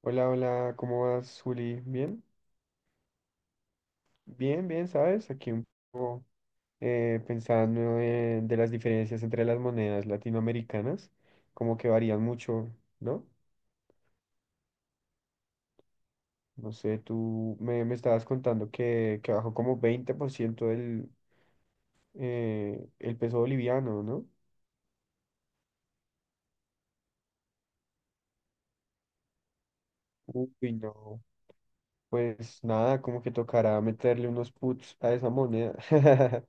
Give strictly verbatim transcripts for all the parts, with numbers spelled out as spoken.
Hola, hola, ¿cómo vas, Juli? ¿Bien? Bien, bien, ¿sabes? Aquí un poco eh, pensando en- de las diferencias entre las monedas latinoamericanas, como que varían mucho, ¿no? No sé, tú me, me estabas contando que, que bajó como veinte por ciento el, eh, el peso boliviano, ¿no? Uy, no. Pues nada, como que tocará meterle unos puts a esa moneda.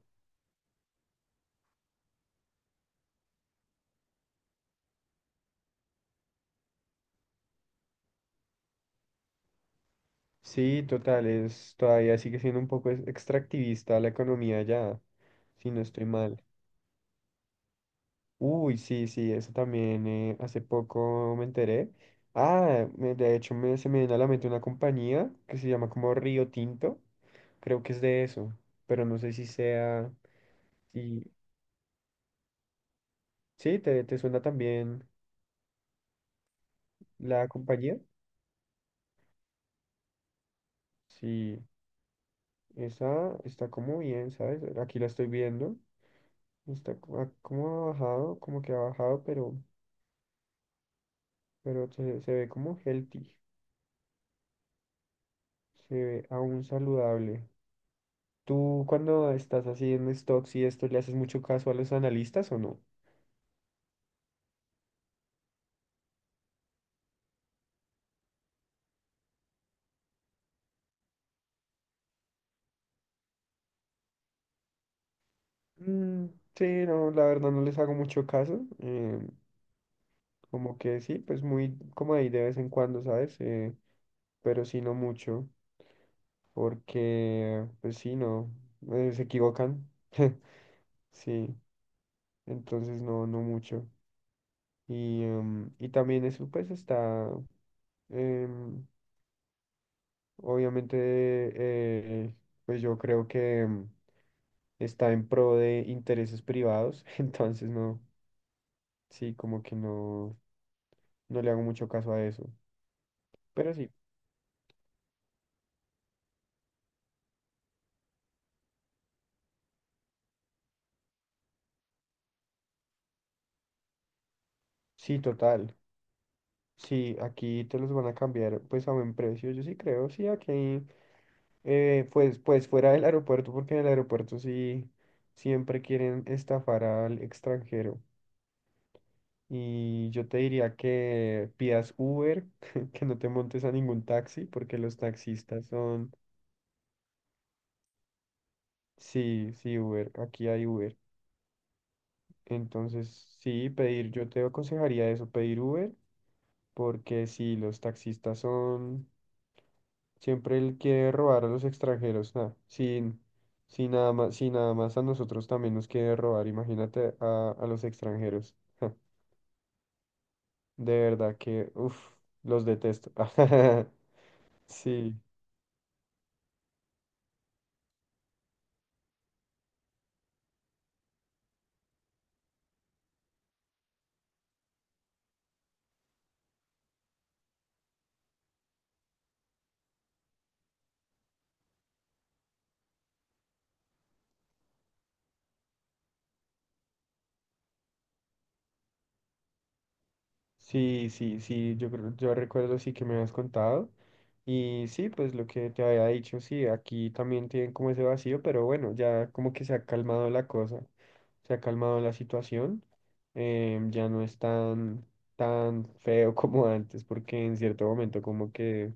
Sí, total, es, todavía sigue siendo un poco ex- extractivista la economía ya, si no estoy mal. Uy, sí, sí, eso también eh, hace poco me enteré. Ah, me- de hecho me, se me viene a la mente una compañía que se llama como Río Tinto, creo que es de eso, pero no sé si sea, si, sí, te, te suena también la compañía. Sí, esa está como bien, ¿sabes? Aquí la estoy viendo, está co- ah, como ha bajado, como que ha bajado, pero... pero se, se ve como healthy, se ve aún saludable. ¿Tú cuando estás haciendo stocks y esto le haces mucho caso a los analistas o no? Mm, sí, no, la verdad no les hago mucho caso. Eh, como que sí, pues muy como ahí de vez en cuando, ¿sabes? Eh, pero sí no mucho, porque pues sí, no, eh, se equivocan. Sí, entonces no, no mucho. Y, em, y también eso pues está. em, Obviamente, eh, pues yo creo que mm, está en pro de intereses privados, entonces no, sí, como que no, no le hago mucho caso a eso. Pero sí, sí, total. Sí, aquí te los van a cambiar pues a buen precio, yo sí creo, sí, aquí, eh, pues, pues fuera del aeropuerto, porque en el aeropuerto sí siempre quieren estafar al extranjero. Y yo te diría que pidas Uber, que no te montes a ningún taxi, porque los taxistas son. Sí, sí, Uber. Aquí hay Uber. Entonces, sí, pedir, yo te aconsejaría eso, pedir Uber, porque si los taxistas son, siempre él quiere robar a los extranjeros, nada, sin, sin nada más, si nada más a nosotros también nos quiere robar, imagínate a, a los extranjeros. De verdad que, uff, los detesto. Sí. Sí, sí, sí, yo, creo- yo recuerdo sí que me habías contado. Y sí, pues lo que te había dicho, sí, aquí también tienen como ese vacío, pero bueno, ya como que se ha calmado la cosa, se ha calmado la situación, em, ya no es tan, tan feo como antes, porque en cierto momento como que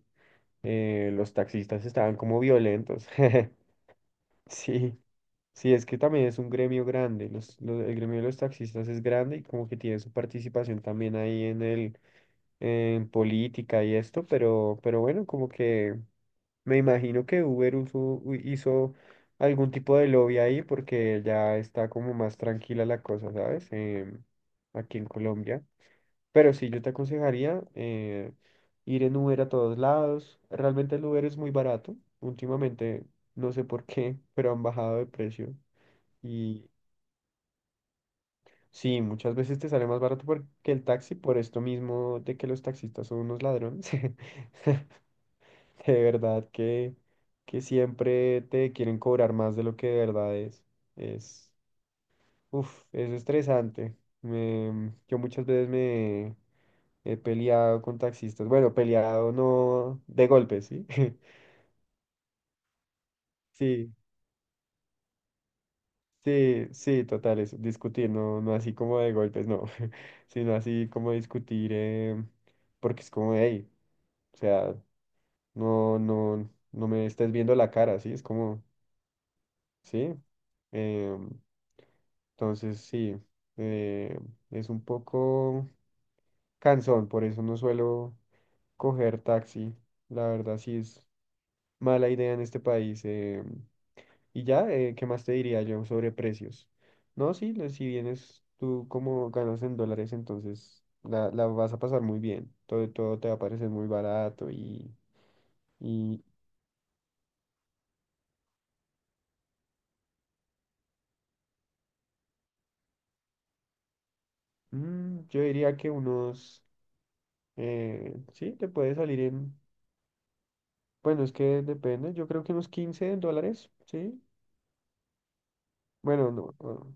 eh, los taxistas estaban como violentos. Sí, sí, es que también es un gremio grande, los, lo- el gremio de los taxistas es grande y como que tiene su participación también ahí en el en política y esto, pero, pero bueno, como que me imagino que Uber uso- u- hizo algún tipo de lobby ahí porque ya está como más tranquila la cosa, ¿sabes? Em, aquí en Colombia. Pero sí, yo te aconsejaría eh, ir en Uber a todos lados. Realmente el Uber es muy barato. Últimamente, no sé por qué, pero han bajado de precio. Y sí, muchas veces te sale más barato por- que el taxi por esto mismo de que los taxistas son unos ladrones. De verdad que, que siempre te quieren cobrar más de lo que de verdad es. Es, uf, es estresante. Me- yo muchas veces me he peleado con taxistas. Bueno, peleado no de golpes, ¿sí? Sí, sí, sí, total, es discutir, no, no así como de golpes, no, sino así como discutir, eh, porque es como, hey, o sea, no, no, no me estés viendo la cara, ¿sí? Es como, sí. em, Entonces, sí, eh, es un poco cansón, por eso no suelo coger taxi. La verdad, sí es mala idea en este país. Eh, y ya, eh, ¿qué más te diría yo sobre precios? No, sí, le- si vienes tú como ganas en dólares, entonces la, la vas a pasar muy bien. Todo, todo te va a parecer muy barato y, y mm, yo diría que unos, eh, sí, te puede salir en. Bueno, es que depende, yo creo que unos quince dólares, ¿sí? Bueno, no, no,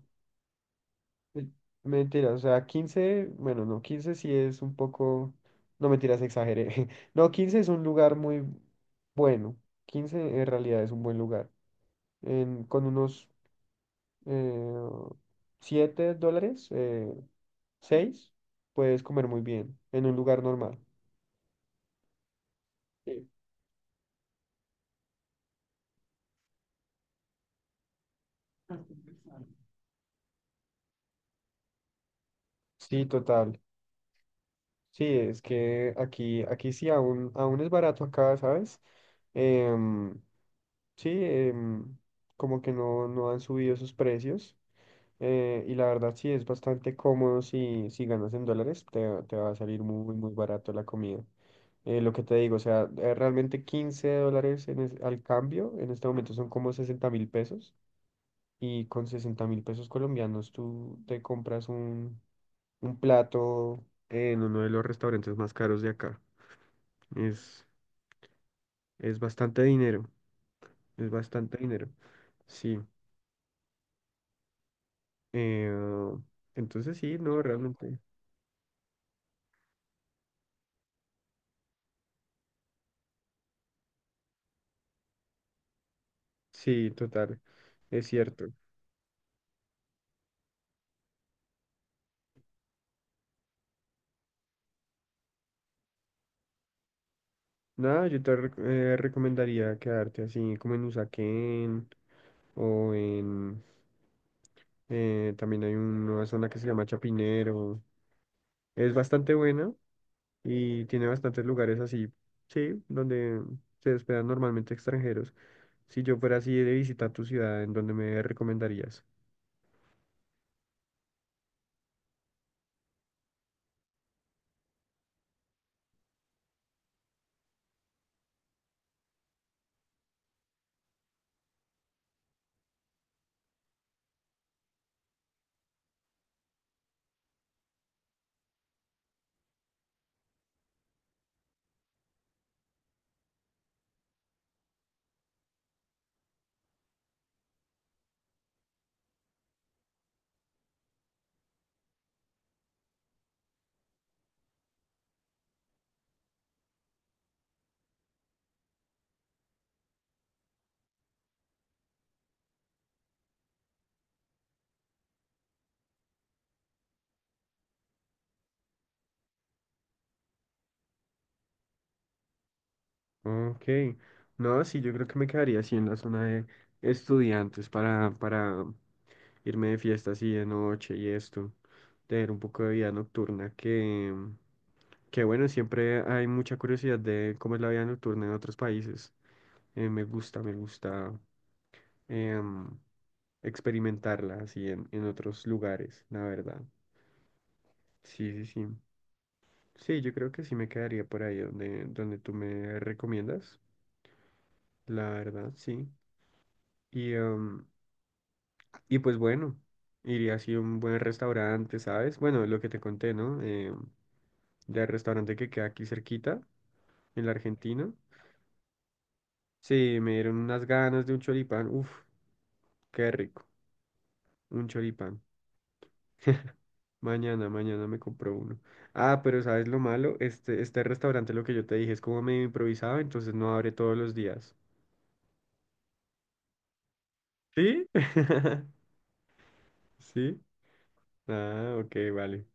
eh, mentira, o sea, quince bueno, no, quince sí es un poco, no mentiras, exageré. No, quince es un lugar muy bueno, quince en realidad es un buen lugar. En- con unos eh, siete dólares, eh, seis, puedes comer muy bien en un lugar normal. Sí. Sí, total. Sí, es que aquí, aquí, sí aún, aún es barato acá, ¿sabes? Em, Sí, em, como que no, no han subido sus precios. Eh, y la verdad sí es bastante cómodo si, si ganas en dólares, te, va te va a salir muy, muy barato la comida. Eh, lo que te digo, o sea, eh, realmente quince dólares en es- al cambio, en este momento son como sesenta mil pesos. Y con sesenta mil pesos colombianos tú te compras un, un plato en uno de los restaurantes más caros de acá. Es, es bastante dinero, es bastante dinero. Sí. Eh, entonces sí, no, realmente. Sí, total. Es cierto. Nada, yo te rec- eh, recomendaría quedarte así como en Usaquén o en. Eh, también hay una zona que se llama Chapinero. Es bastante buena y tiene bastantes lugares así, sí, donde se hospedan normalmente extranjeros. Si yo fuera así de visitar tu ciudad, ¿en dónde me recomendarías? Ok, no, sí, yo creo que me quedaría así en la zona de estudiantes para, para irme de fiesta así de noche y esto, tener un poco de vida nocturna, que, que bueno, siempre hay mucha curiosidad de cómo es la vida nocturna en otros países. Eh, me gusta, me gusta em, experimentarla así en, en, otros lugares, la verdad. Sí, sí, sí. Sí, yo creo que sí me quedaría por ahí donde, donde tú me recomiendas. La verdad, sí. Y, em, y pues bueno, iría así a un buen restaurante, ¿sabes? Bueno, lo que te conté, ¿no? Eh, del restaurante que queda aquí cerquita, en la Argentina. Sí, me dieron unas ganas de un choripán. Uf, qué rico. Un choripán. Mañana, mañana me compro uno. Ah, pero ¿sabes lo malo? Este, este restaurante, lo que yo te dije, es como medio improvisado, entonces no abre todos los días. ¿Sí? ¿Sí? Ah, ok, vale.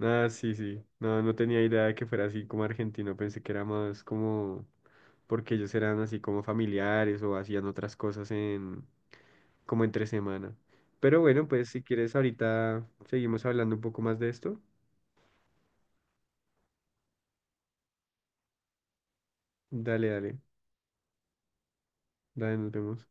Ah, sí, sí. No, no tenía idea de que fuera así como argentino. Pensé que era más como porque ellos eran así como familiares o hacían otras cosas en como entre semana. Pero bueno, pues si quieres ahorita seguimos hablando un poco más de esto. Dale, dale. Dale, nos vemos.